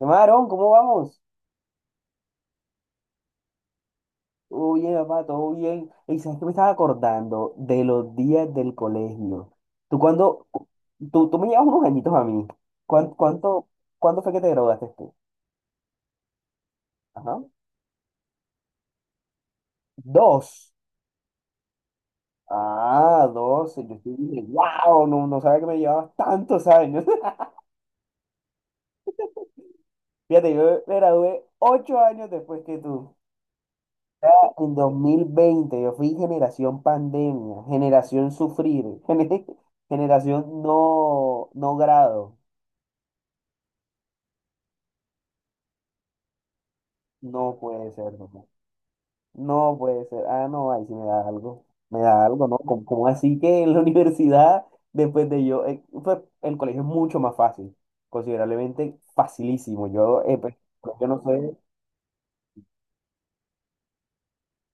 Marón, ¿cómo vamos? Oye, papá, todo bien. Y sabes que me estaba acordando de los días del colegio. Tú cuando, tú me llevas unos añitos a mí. ¿Cuán- ¿Cuánto, cuándo fue que te graduaste tú? Ajá. Dos. Ah, dos. Yo sí dije, wow, no sabía que me llevabas tantos años. Fíjate, yo me gradué 8 años después que tú. En 2020 yo fui generación pandemia, generación sufrir, generación no grado. No puede ser, no. No puede ser. Ah, no, ahí sí me da algo. Me da algo, ¿no? Como así que en la universidad, después de yo, pues, el colegio es mucho más fácil, considerablemente facilísimo. Yo, pues, yo no sé,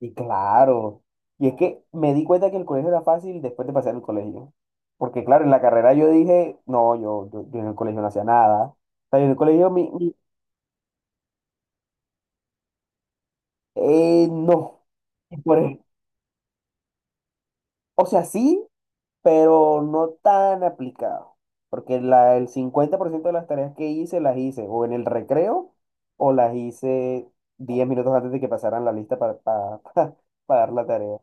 y claro. Y es que me di cuenta que el colegio era fácil después de pasar el colegio. Porque claro, en la carrera yo dije, no, yo en el colegio no hacía nada. O sea, yo en el colegio, no. Y por- o sea, sí, pero no tan aplicado, porque el 50% de las tareas que hice las hice o en el recreo o las hice 10 minutos antes de que pasaran la lista para dar la tarea,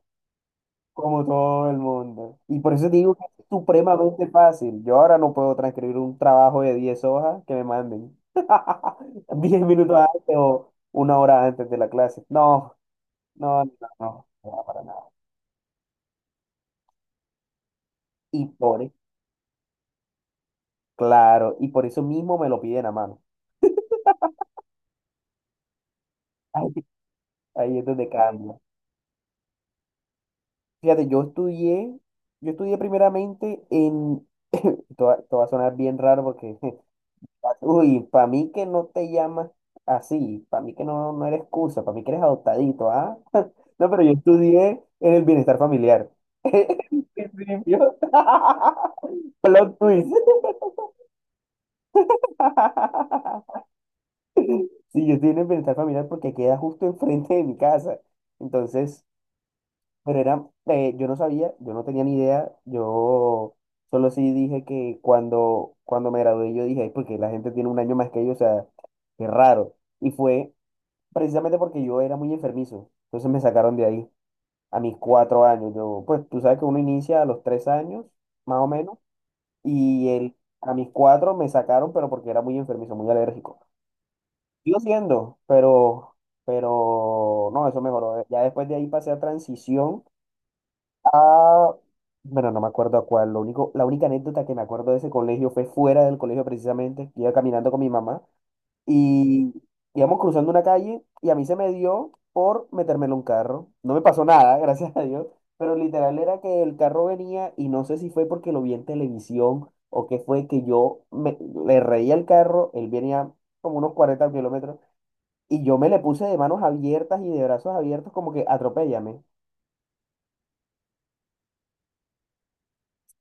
como todo el mundo. Y por eso te digo que es supremamente fácil. Yo ahora no puedo transcribir un trabajo de 10 hojas que me manden 10 minutos antes o 1 hora antes de la clase. No, no, no, no, no, para nada. Y por, claro, y por eso mismo me lo piden a mano. Ahí es donde cambia. Fíjate, yo estudié primeramente en, esto va a sonar bien raro porque, uy, para mí que no te llamas así, para mí que no eres excusa, para mí que eres adoptadito, ¿ah? No, pero yo estudié en el bienestar familiar. Yo- Plot twist. Sí, yo estoy en el bienestar familiar porque queda justo enfrente de mi casa. Entonces, pero era, yo no sabía, yo no tenía ni idea, yo solo sí dije que cuando, cuando me gradué yo dije, "Ay, porque la gente tiene un año más que yo, o sea, qué raro". Y fue precisamente porque yo era muy enfermizo, entonces me sacaron de ahí a mis 4 años. Yo, pues tú sabes que uno inicia a los 3 años, más o menos, y él, a mis cuatro me sacaron, pero porque era muy enfermizo, muy alérgico. Sigo siendo, pero no, eso mejoró. Ya después de ahí pasé a transición. Ah, bueno, no me acuerdo a cuál. Lo único, la única anécdota que me acuerdo de ese colegio fue fuera del colegio precisamente. Iba caminando con mi mamá y íbamos cruzando una calle y a mí se me dio por meterme en un carro. No me pasó nada, gracias a Dios, pero literal era que el carro venía y no sé si fue porque lo vi en televisión o qué fue que yo me, le reí al carro. Él venía como unos 40 kilómetros y yo me le puse de manos abiertas y de brazos abiertos como que atropéllame.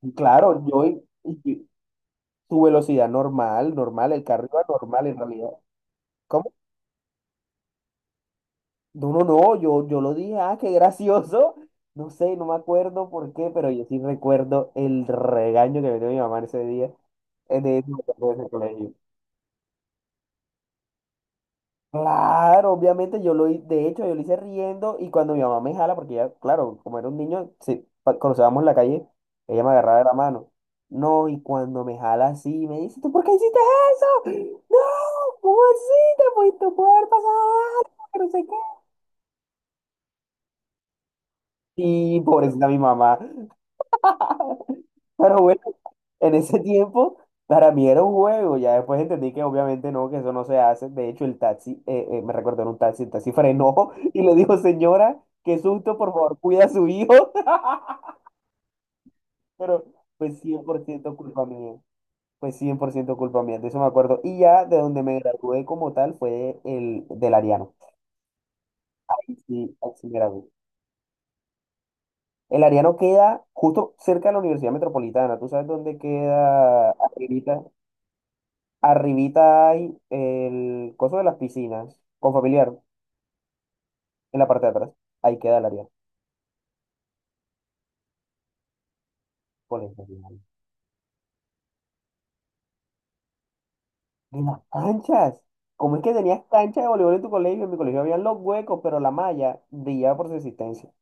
Y claro, yo... Su velocidad normal, normal, el carro iba normal en realidad. ¿Cómo? No, no, no, yo lo dije, ah, qué gracioso. No sé, no me acuerdo por qué, pero yo sí recuerdo el regaño que me dio mi mamá ese día, de ese colegio. Claro, obviamente de hecho, yo lo hice riendo y cuando mi mamá me jala, porque ya, claro, como era un niño, sí, cruzábamos la calle, ella me agarraba de la mano. No, y cuando me jala así, me dice, ¿tú por qué hiciste eso? No, ¿cómo así te pudiste haber pasado algo? Que no sé qué. Y pobrecita mi mamá. Pero bueno, en ese tiempo para mí era un juego. Ya después entendí que obviamente no, que eso no se hace. De hecho, el taxi, me recordó en un taxi, el taxi frenó y le dijo, señora, qué susto, por favor, cuida a su hijo. Pero pues 100% culpa mía. Pues 100% culpa mía, de eso me acuerdo. Y ya de donde me gradué como tal fue el del Ariano. Sí, así me gradué. El Ariano queda justo cerca de la Universidad Metropolitana. ¿Tú sabes dónde queda arribita? Arribita hay el coso de las piscinas, con familiar, en la parte de atrás. Ahí queda el Ariano. Colegio Ariano. Y las canchas. ¿Cómo es que tenías cancha de voleibol en tu colegio? En mi colegio había los huecos, pero la malla brillaba por su existencia.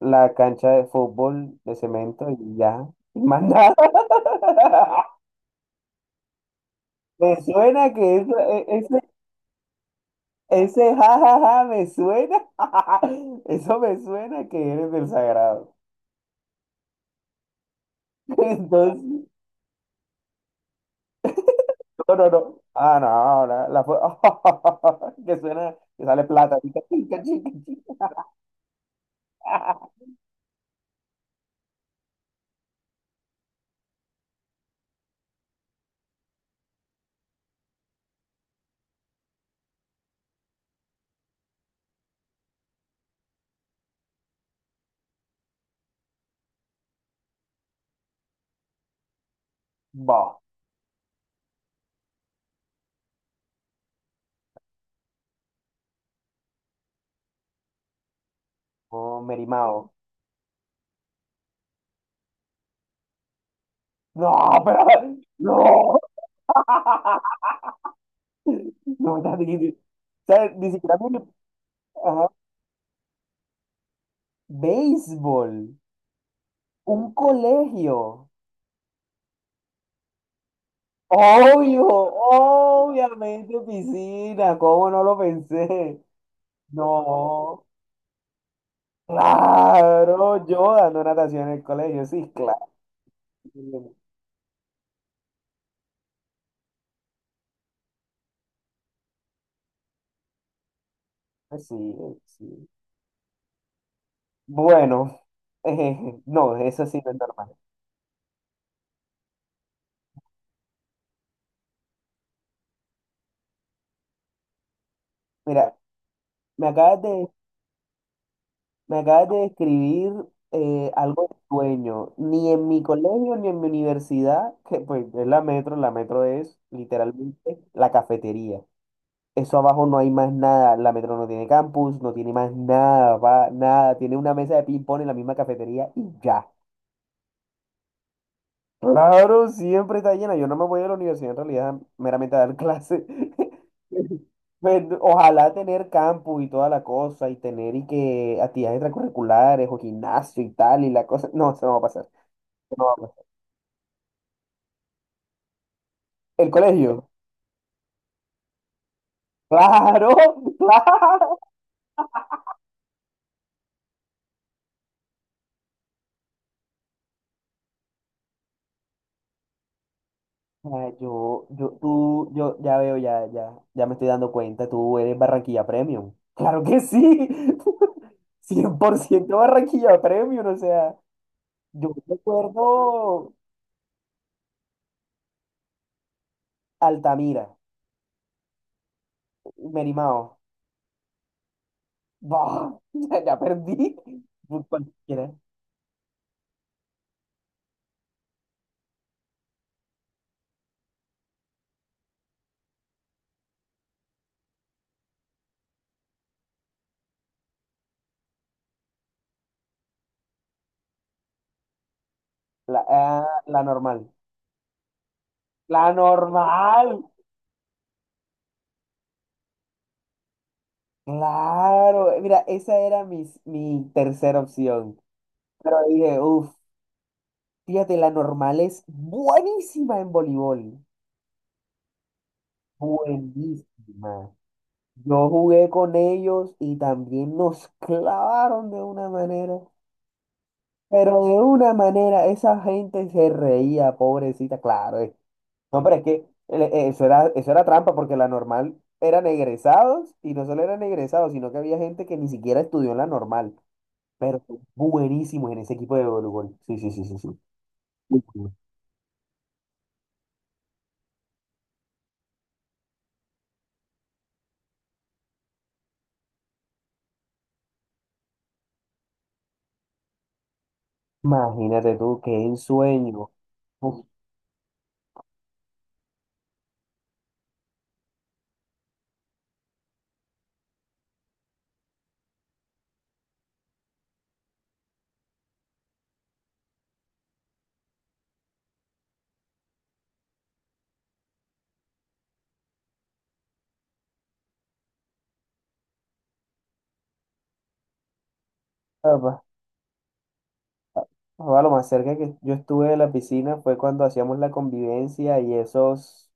La cancha de fútbol de cemento y ya. Y más nada. Me suena que eso, Ese jajaja me suena, eso me suena que eres del sagrado. Entonces, no, no, no. Ah, no, no, que suena, que sale plata. Chica, chica, chica, chica. Bah, oh, Merimao. No, pero, no. No, ya ni, o sea, ni siquiera me... Ajá. Béisbol, un colegio. Obvio, obviamente piscina, ¿cómo no lo pensé? No, claro, yo dando natación en el colegio, sí, claro. Pues sí, sí. Bueno, no, eso sí no es normal. Mira, me acabas de, me acabas de describir, algo de sueño. Ni en mi colegio ni en mi universidad, que pues es la metro es literalmente la cafetería. Eso abajo no hay más nada. La metro no tiene campus, no tiene más nada, va, nada. Tiene una mesa de ping-pong en la misma cafetería y ya. Claro, siempre está llena. Yo no me voy a la universidad en realidad meramente a dar clases. Pues, ojalá tener campus y toda la cosa y tener y que actividades extracurriculares o gimnasio y tal y la cosa. No, eso no va a pasar. Eso no va a pasar. El colegio. Claro, claro. Ay, yo ya veo, ya, ya, ya me estoy dando cuenta. Tú eres Barranquilla Premium. Claro que sí. Cien por ciento Barranquilla Premium. O sea, yo recuerdo. Altamira, Merimao. Bah, ya, ya perdí. Cualquiera. La normal. La normal. Claro. Mira, esa era mi tercera opción. Pero dije, uff, fíjate, la normal es buenísima en voleibol. Buenísima. Yo jugué con ellos y también nos clavaron de una manera. Pero de una manera, esa gente se reía, pobrecita, claro. No, pero es que eso era trampa porque la normal eran egresados y no solo eran egresados, sino que había gente que ni siquiera estudió en la normal, pero son buenísimos en ese equipo de voleibol. Sí, sí, sí, sí, sí. Muy bueno. Imagínate tú, qué ensueño. Uf, papá. Papá, lo más cerca que yo estuve de la piscina fue cuando hacíamos la convivencia y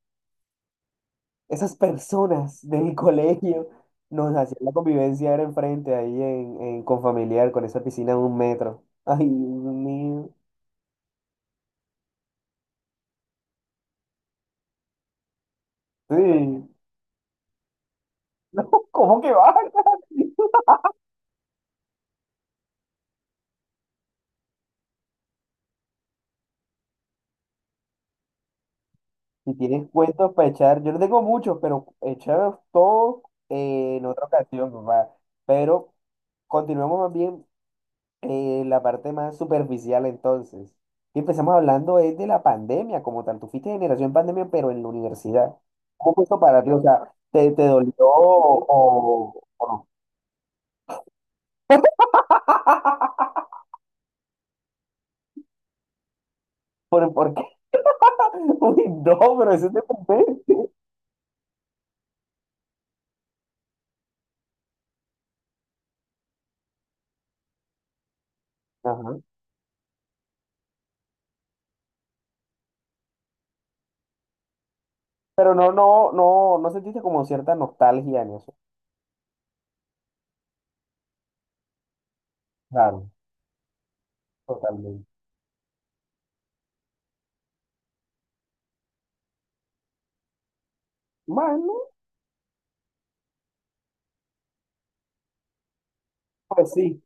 esas personas de mi colegio nos hacían la convivencia era enfrente ahí en Confamiliar con esa piscina de 1 metro. Ay, Dios mío. Sí. No, ¿cómo que va? Si tienes cuentos para echar, yo no tengo muchos, pero echar todos, en otra ocasión, papá. Pero continuemos más bien, la parte más superficial entonces. Y empezamos hablando es de la pandemia como tal. Tú fuiste generación pandemia, pero en la universidad. ¿Cómo fue eso para ti? O sea, ¿te dolió o, o no? Por qué? Uy, no, pero eso te conté. Pero no, no, no, no sentiste como cierta nostalgia en eso. Claro, totalmente. Bueno, pues sí,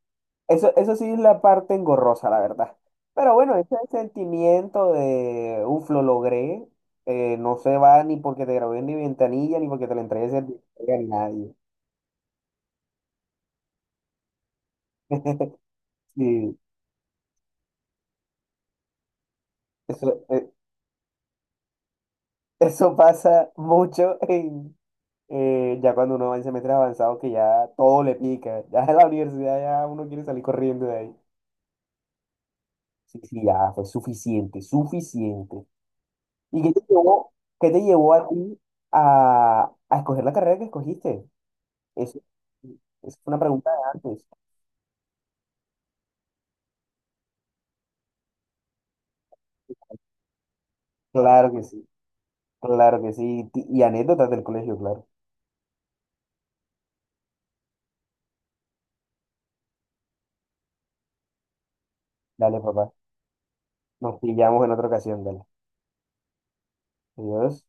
eso sí es la parte engorrosa, la verdad. Pero bueno, ese sentimiento de, uff, lo logré, no se va ni porque te grabé en mi ventanilla, ni porque te lo entregué ese día a nadie. Sí, eso, eh, eso pasa mucho en, ya cuando uno va en semestres avanzados que ya todo le pica, ya en la universidad ya uno quiere salir corriendo de ahí. Sí, sí, ya fue suficiente, suficiente. ¿Y qué te llevó a ti a, a escoger la carrera que escogiste? Eso, es una pregunta de antes. Claro que sí, claro que sí. Y anécdotas del colegio, claro. Dale, papá. Nos pillamos en otra ocasión, dale. Adiós.